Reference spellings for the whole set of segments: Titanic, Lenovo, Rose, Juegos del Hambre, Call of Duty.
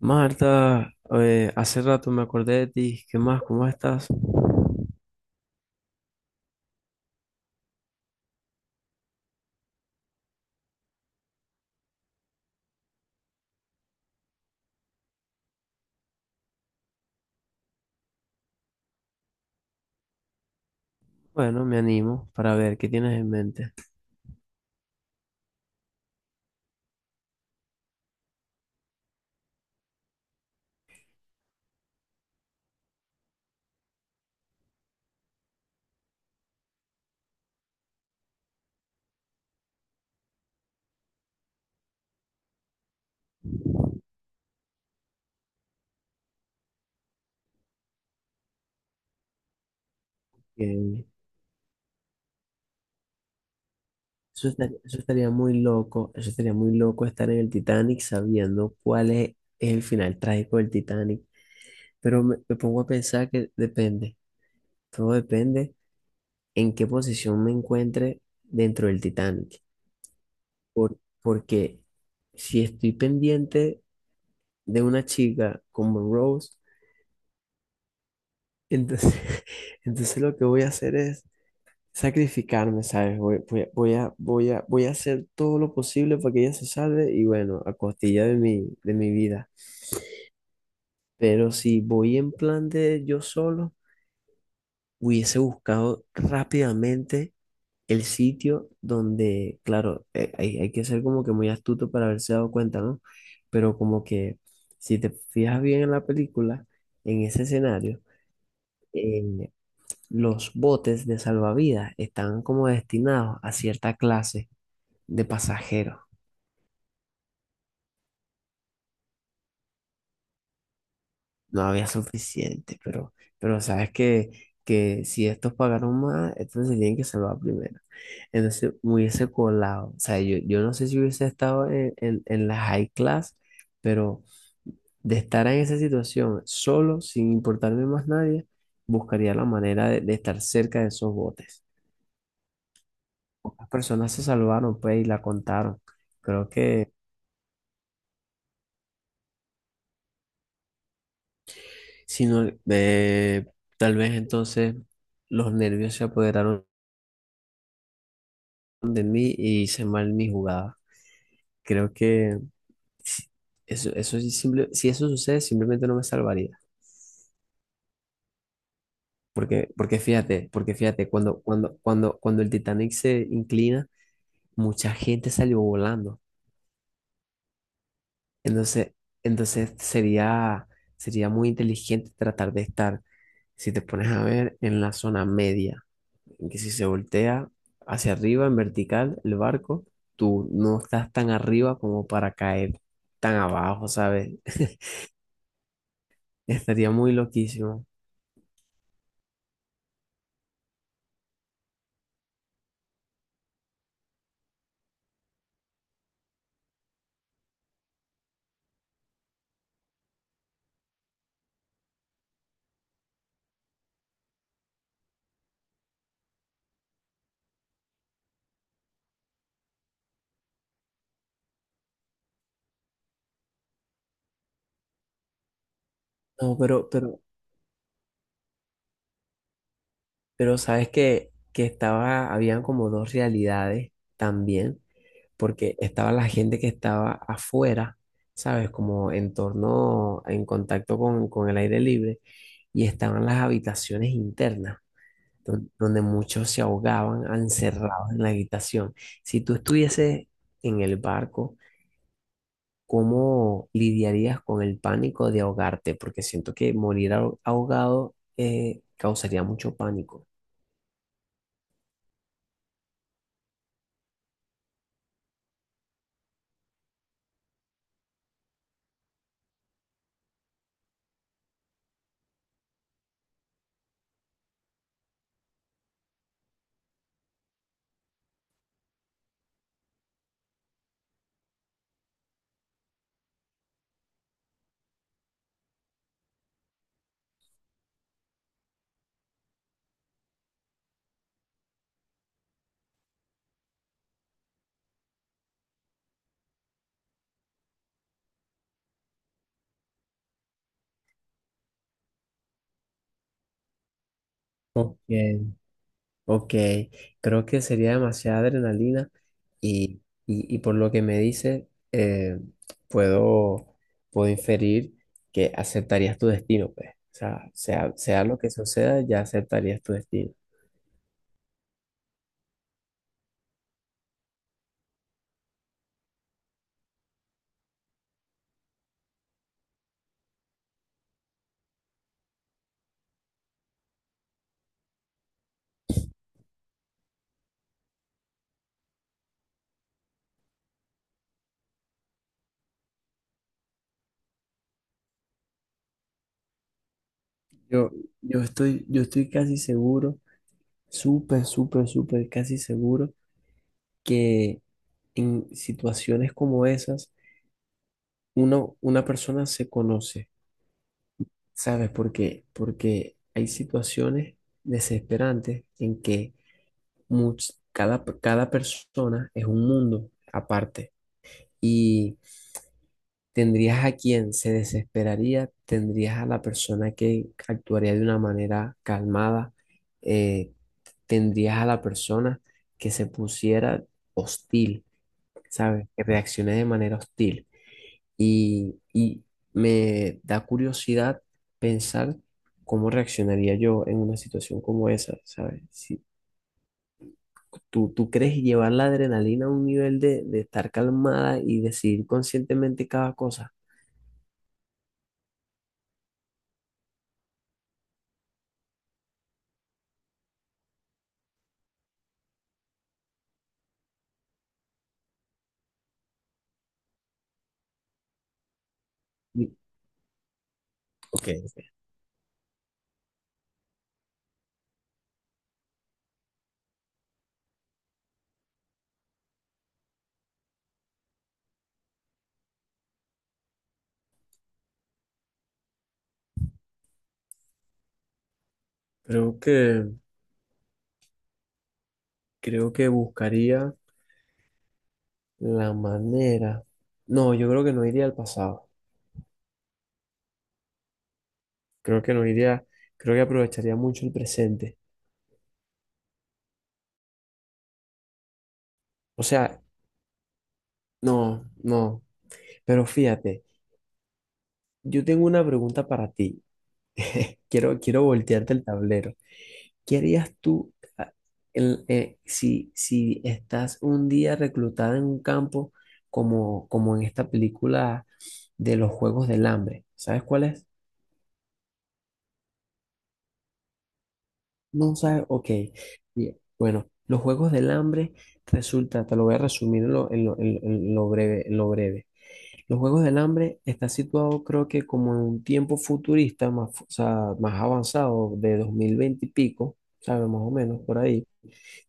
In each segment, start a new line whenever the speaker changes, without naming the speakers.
Marta, hace rato me acordé de ti. ¿Qué más? ¿Cómo estás? Bueno, me animo para ver qué tienes en mente. Que eso estaría muy loco, eso estaría muy loco estar en el Titanic sabiendo cuál es el final trágico del Titanic. Pero me pongo a pensar que depende, todo depende en qué posición me encuentre dentro del Titanic. Porque si estoy pendiente de una chica como Rose, entonces, entonces lo que voy a hacer es sacrificarme, ¿sabes? Voy, voy, a- voy a, voy a, voy a hacer todo lo posible para que ella se salve y bueno, a costilla de mi vida. Pero si voy en plan de yo solo, hubiese buscado rápidamente el sitio donde, claro, hay que ser como que muy astuto para haberse dado cuenta, ¿no? Pero como que si te fijas bien en la película, en ese escenario, eh, los botes de salvavidas están como destinados a cierta clase de pasajeros. No había suficiente, pero sabes que si estos pagaron más, entonces se tienen que salvar primero. Entonces me hubiese colado, o sea, yo no sé si hubiese estado en la high class, pero de estar en esa situación solo, sin importarme más nadie, buscaría la manera de estar cerca de esos botes. Pocas personas se salvaron, pues, y la contaron. Creo que, si no, tal vez entonces los nervios se apoderaron de mí y hice mal mi jugada. Creo que si- eso sí si eso sucede, simplemente no me salvaría. Porque fíjate, cuando el Titanic se inclina, mucha gente salió volando. Entonces, entonces sería muy inteligente tratar de estar, si te pones a ver, en la zona media, en que si se voltea hacia arriba, en vertical, el barco, tú no estás tan arriba como para caer tan abajo, ¿sabes? Estaría muy loquísimo. No, pero, pero sabes que estaba, habían como dos realidades también, porque estaba la gente que estaba afuera, ¿sabes? Como en torno, en contacto con el aire libre, y estaban las habitaciones internas, donde muchos se ahogaban encerrados en la habitación. Si tú estuvieses en el barco, ¿cómo lidiarías con el pánico de ahogarte? Porque siento que morir ahogado causaría mucho pánico. Ok, ok. Creo que sería demasiada adrenalina y por lo que me dice, puedo, puedo inferir que aceptarías tu destino, pues. O sea, sea, sea lo que suceda, ya aceptarías tu destino. Yo, yo estoy casi seguro, súper, súper, súper, casi seguro que en situaciones como esas, uno, una persona se conoce, ¿sabes por qué? Porque hay situaciones desesperantes en que cada persona es un mundo aparte y tendrías a quien se desesperaría, tendrías a la persona que actuaría de una manera calmada, eh, tendrías a la persona que se pusiera hostil, ¿sabes? Que reaccione de manera hostil. Y me da curiosidad pensar cómo reaccionaría yo en una situación como esa, ¿sabes? Si tú, tú crees llevar la adrenalina a un nivel de estar calmada y decidir conscientemente cada cosa. Y- Ok, creo que, creo que buscaría la manera. No, yo creo que no iría al pasado. Creo que no iría, creo que aprovecharía mucho el presente. O sea, no, no. Pero fíjate, yo tengo una pregunta para ti. Quiero voltearte el tablero. ¿Qué harías tú ah, si estás un día reclutada en un campo como en esta película de los Juegos del Hambre? ¿Sabes cuál es? No sabes, ok. Bien. Bueno, los Juegos del Hambre resulta, te lo voy a resumir en lo breve. Los Juegos del Hambre está situado creo que como en un tiempo futurista, más, o sea, más avanzado, de 2020 y pico, ¿sabes? Más o menos por ahí.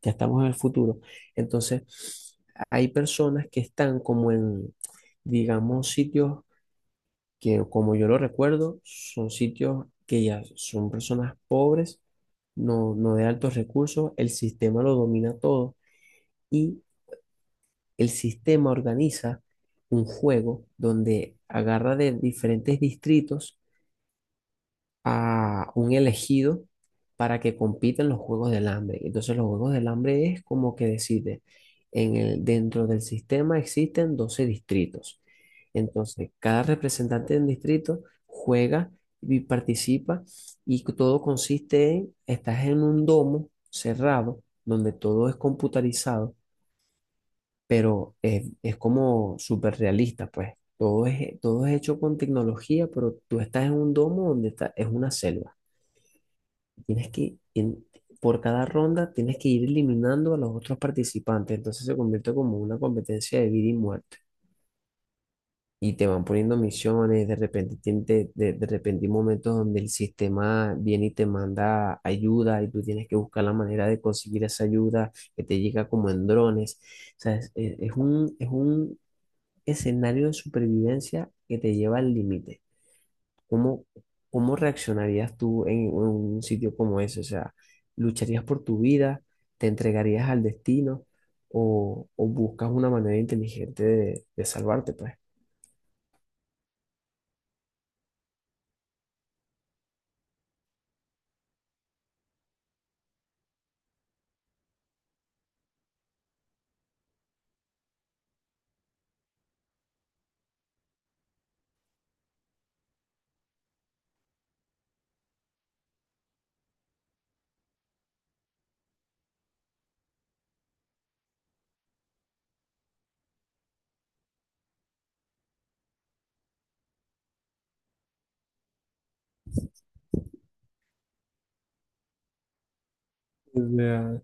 Ya estamos en el futuro. Entonces, hay personas que están como en, digamos, sitios que, como yo lo recuerdo, son sitios que ya son personas pobres, no, no de altos recursos, el sistema lo domina todo. Y el sistema organiza un juego donde agarra de diferentes distritos a un elegido para que compita en los Juegos del Hambre. Entonces los Juegos del Hambre es como que decide, dentro del sistema existen 12 distritos. Entonces cada representante de un distrito juega y participa y todo consiste en, estás en un domo cerrado donde todo es computarizado pero es como súper realista, pues. Todo es hecho con tecnología, pero tú estás en un domo donde está, es una selva. Tienes que, en- por cada ronda, tienes que ir eliminando a los otros participantes. Entonces se convierte como una competencia de vida y muerte. Y te van poniendo misiones, de repente, de repente hay momentos donde el sistema viene y te manda ayuda y tú tienes que buscar la manera de conseguir esa ayuda que te llega como en drones. O sea, es un escenario de supervivencia que te lleva al límite. ¿Cómo, cómo reaccionarías tú en, un sitio como ese? O sea, ¿lucharías por tu vida? ¿Te entregarías al destino? O buscas una manera inteligente de salvarte, pues? O sea,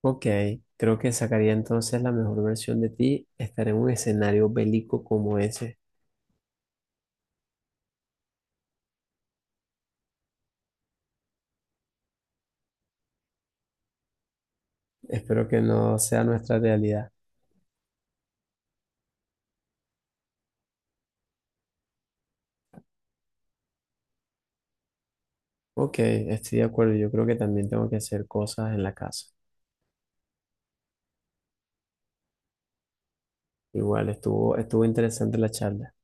ok, creo que sacaría entonces la mejor versión de ti, estar en un escenario bélico como ese. Espero que no sea nuestra realidad. Ok, estoy de acuerdo. Yo creo que también tengo que hacer cosas en la casa. Igual, estuvo interesante la charla.